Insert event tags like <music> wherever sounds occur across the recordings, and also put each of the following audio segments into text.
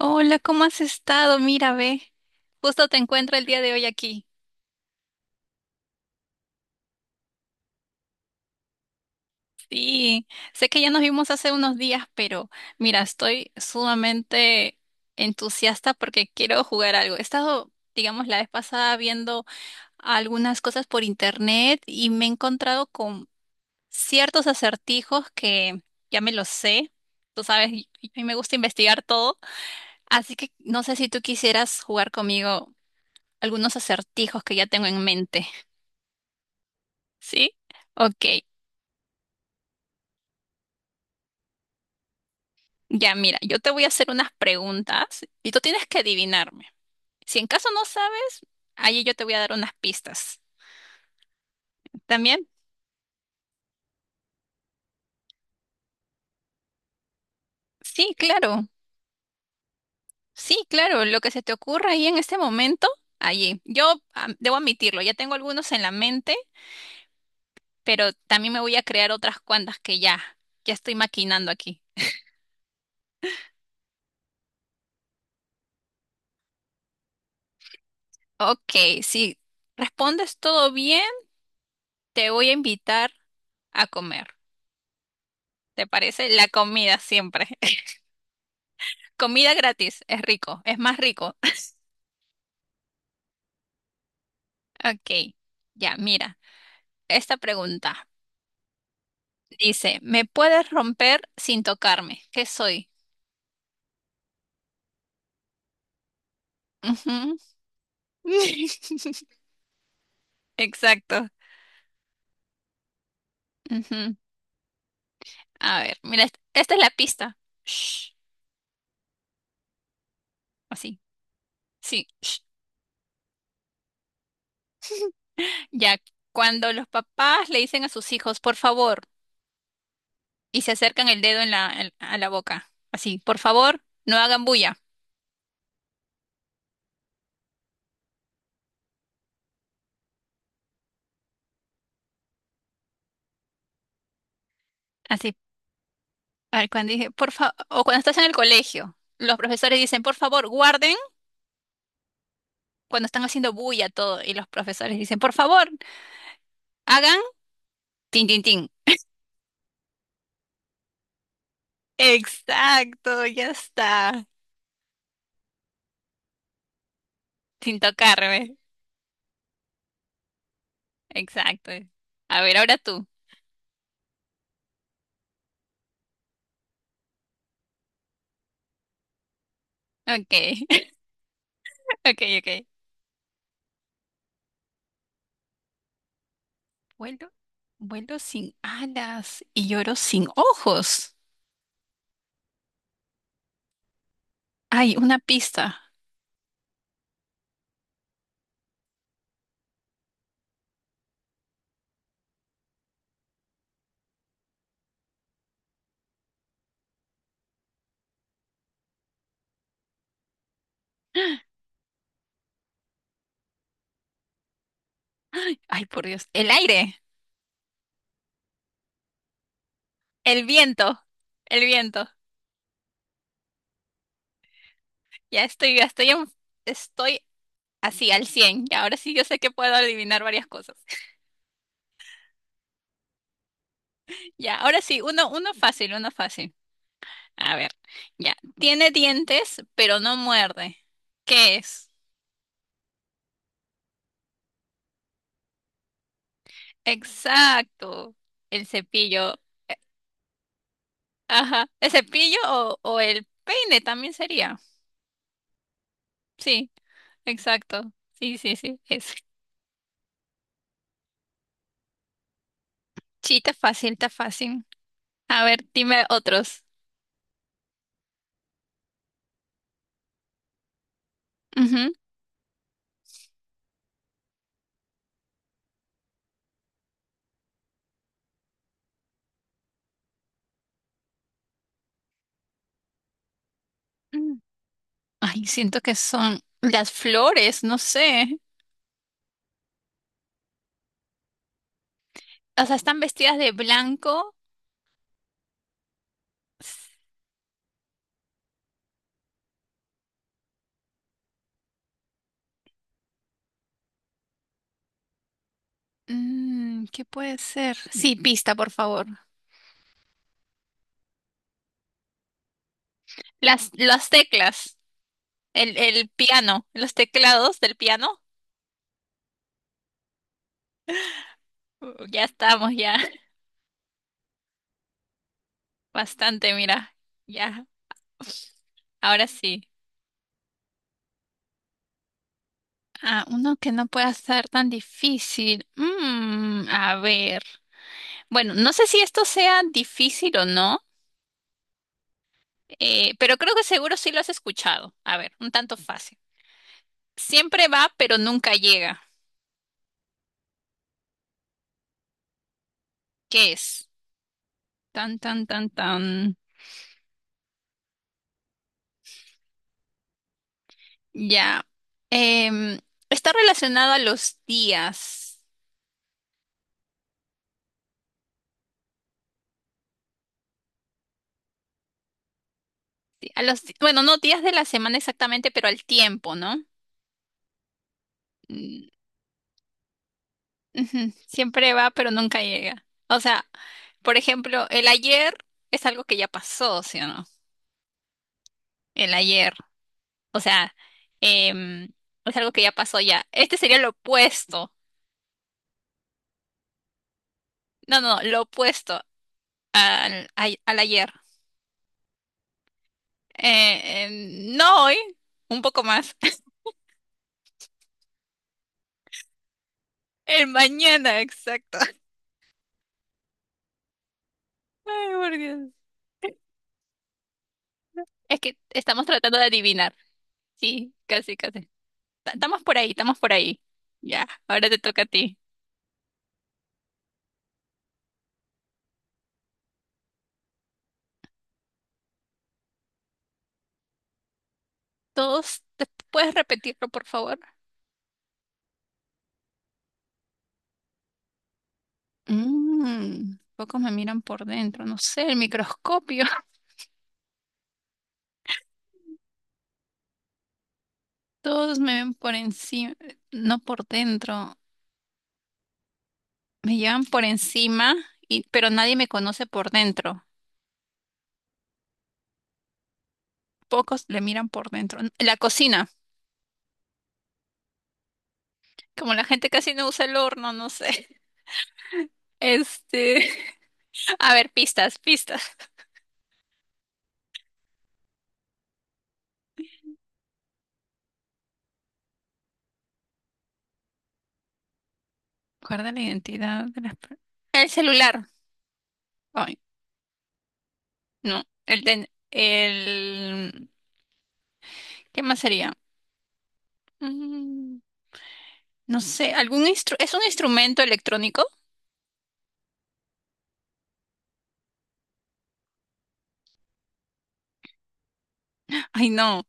Hola, ¿cómo has estado? Mira, ve, justo te encuentro el día de hoy aquí. Sí, sé que ya nos vimos hace unos días, pero mira, estoy sumamente entusiasta porque quiero jugar algo. He estado, digamos, la vez pasada viendo algunas cosas por internet y me he encontrado con ciertos acertijos que ya me los sé. Tú sabes, y a mí me gusta investigar todo, así que no sé si tú quisieras jugar conmigo algunos acertijos que ya tengo en mente. ¿Sí? Ok. Ya, mira, yo te voy a hacer unas preguntas y tú tienes que adivinarme. Si en caso no sabes, ahí yo te voy a dar unas pistas. ¿También? Sí, claro. Sí, claro. Lo que se te ocurra ahí en este momento, allí. Yo debo admitirlo, ya tengo algunos en la mente, pero también me voy a crear otras cuantas que ya, ya estoy maquinando aquí. Ok, si respondes todo bien, te voy a invitar a comer. ¿Te parece? La comida siempre. Comida gratis, es rico, es más rico. <laughs> Ok, ya, mira, esta pregunta dice, ¿me puedes romper sin tocarme? ¿Qué soy? Ujú. <laughs> Exacto. Ujú. A ver, mira, esta es la pista. Shh. Así, sí. Shh. Ya, cuando los papás le dicen a sus hijos, por favor, y se acercan el dedo a la boca, así, por favor, no hagan bulla. Así, a ver, cuando dije, por favor, o cuando estás en el colegio, los profesores dicen, por favor, guarden. Cuando están haciendo bulla todo y los profesores dicen, por favor, hagan tin, tin, tin. Exacto, ya está. Sin tocarme. Exacto. A ver, ahora tú. Ok, <laughs> ok, ok. Vuelo, vuelo sin alas y lloro sin ojos. Ay, una pista. <gasps> Ay, por Dios. El aire, el viento, el viento. Ya estoy, estoy así al 100. Ya, ahora sí yo sé que puedo adivinar varias cosas. <laughs> Ya, ahora sí, uno fácil, uno fácil. A ver, ya. Tiene dientes, pero no muerde. ¿Qué es? Exacto. El cepillo. Ajá. ¿El cepillo o el peine también sería? Sí, exacto. Sí, sí, sí. Es. Sí, está fácil, está fácil. A ver, dime otros. Ujú. Mm. Ay, siento que son las flores, no sé. O sea, están vestidas de blanco. S- Mm, ¿qué puede ser? Sí, pista, por favor. Las teclas. El piano, los teclados del piano. Ya estamos, ya. <laughs> Bastante, mira. Ya, ahora sí. Ah, uno que no pueda ser tan difícil. Mm, a ver. Bueno, no sé si esto sea difícil o no, pero creo que seguro sí lo has escuchado. A ver, un tanto fácil. Siempre va, pero nunca llega. ¿Qué es? Tan, tan, tan, tan. Ya. Em, Está relacionado a los días. A los, bueno, no días de la semana exactamente, pero al tiempo, ¿no? Mm, ujú. Siempre va, pero nunca llega. O sea, por ejemplo, el ayer es algo que ya pasó, ¿sí o no? El ayer. O sea, em, es algo que ya pasó ya. Este sería lo opuesto. No, no, lo opuesto al ayer. No hoy, un poco más. <laughs> El mañana, exacto. <laughs> Ay, por Dios. Es que estamos tratando de adivinar. Sí, casi, casi. Estamos por ahí, estamos por ahí. Ya, ahora te toca a ti. ¿Puedes repetirlo, por favor? Mm, pocos me miran por dentro, no sé, el microscopio. <laughs> Todos me ven por encima, no por dentro. Me llevan por encima, pero nadie me conoce por dentro. Pocos le miran por dentro. La cocina, como la gente casi no usa el horno, no sé. <laughs> Este, <laughs> a ver, pistas, pistas. Guarda la identidad de las per- El celular. No, ¿qué más sería? Mm, no sé, algún instru- ¿es un instrumento electrónico? <laughs> Ay, no,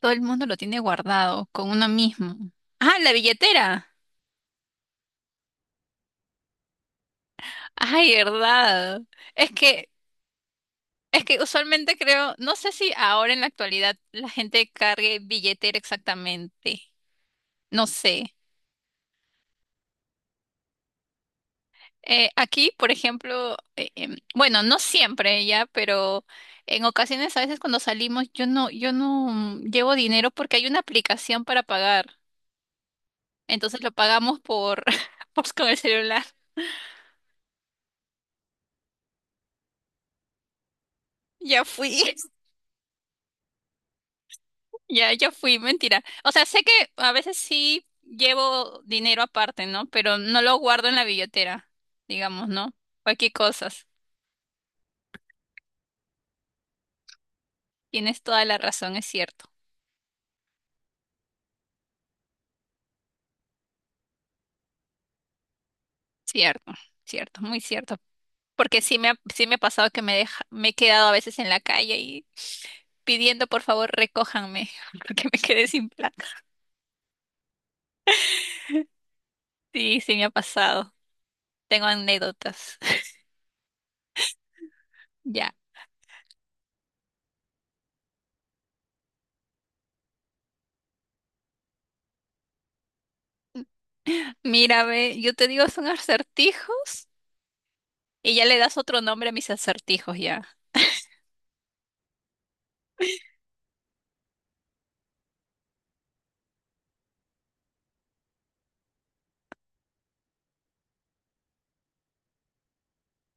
todo el mundo lo tiene guardado con uno mismo. Ah, la billetera. Ay, verdad. Es que, es que usualmente creo, no sé si ahora en la actualidad la gente cargue billetera exactamente. No sé. Aquí, por ejemplo, bueno, no siempre ya, pero en ocasiones a veces cuando salimos yo no llevo dinero porque hay una aplicación para pagar. Entonces lo pagamos por, <laughs> pues, con el celular. Ya fui, <laughs> ya fui, mentira. O sea, sé que a veces sí llevo dinero aparte, ¿no? Pero no lo guardo en la billetera, digamos, ¿no? Cualquier cosas. Tienes toda la razón, es cierto. Cierto, cierto, muy cierto. Porque sí me ha pasado que me he quedado a veces en la calle y pidiendo por favor recójanme <laughs> porque me quedé sin plata. Sí, sí me ha pasado. Tengo anécdotas. <laughs> Ya. Mira, ve, yo te digo son acertijos y ya le das otro nombre a mis acertijos ya.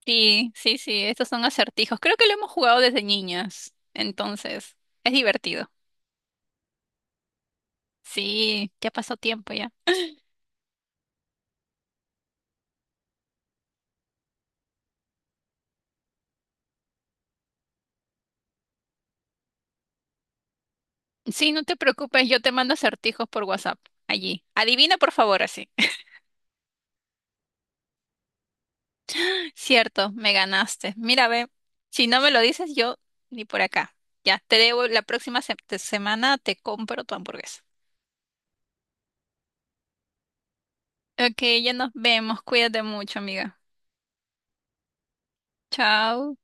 Sí, sí, sí, estos son acertijos. Creo que lo hemos jugado desde niñas. Entonces, es divertido. Sí, ya pasó tiempo ya. Sí, no te preocupes, yo te mando acertijos por WhatsApp allí. Adivina por favor así. Cierto, me ganaste. Mira, ve, si no me lo dices, yo ni por acá. Ya, te debo, la próxima semana te compro tu hamburguesa. Ok, ya nos vemos. Cuídate mucho, amiga. Chao.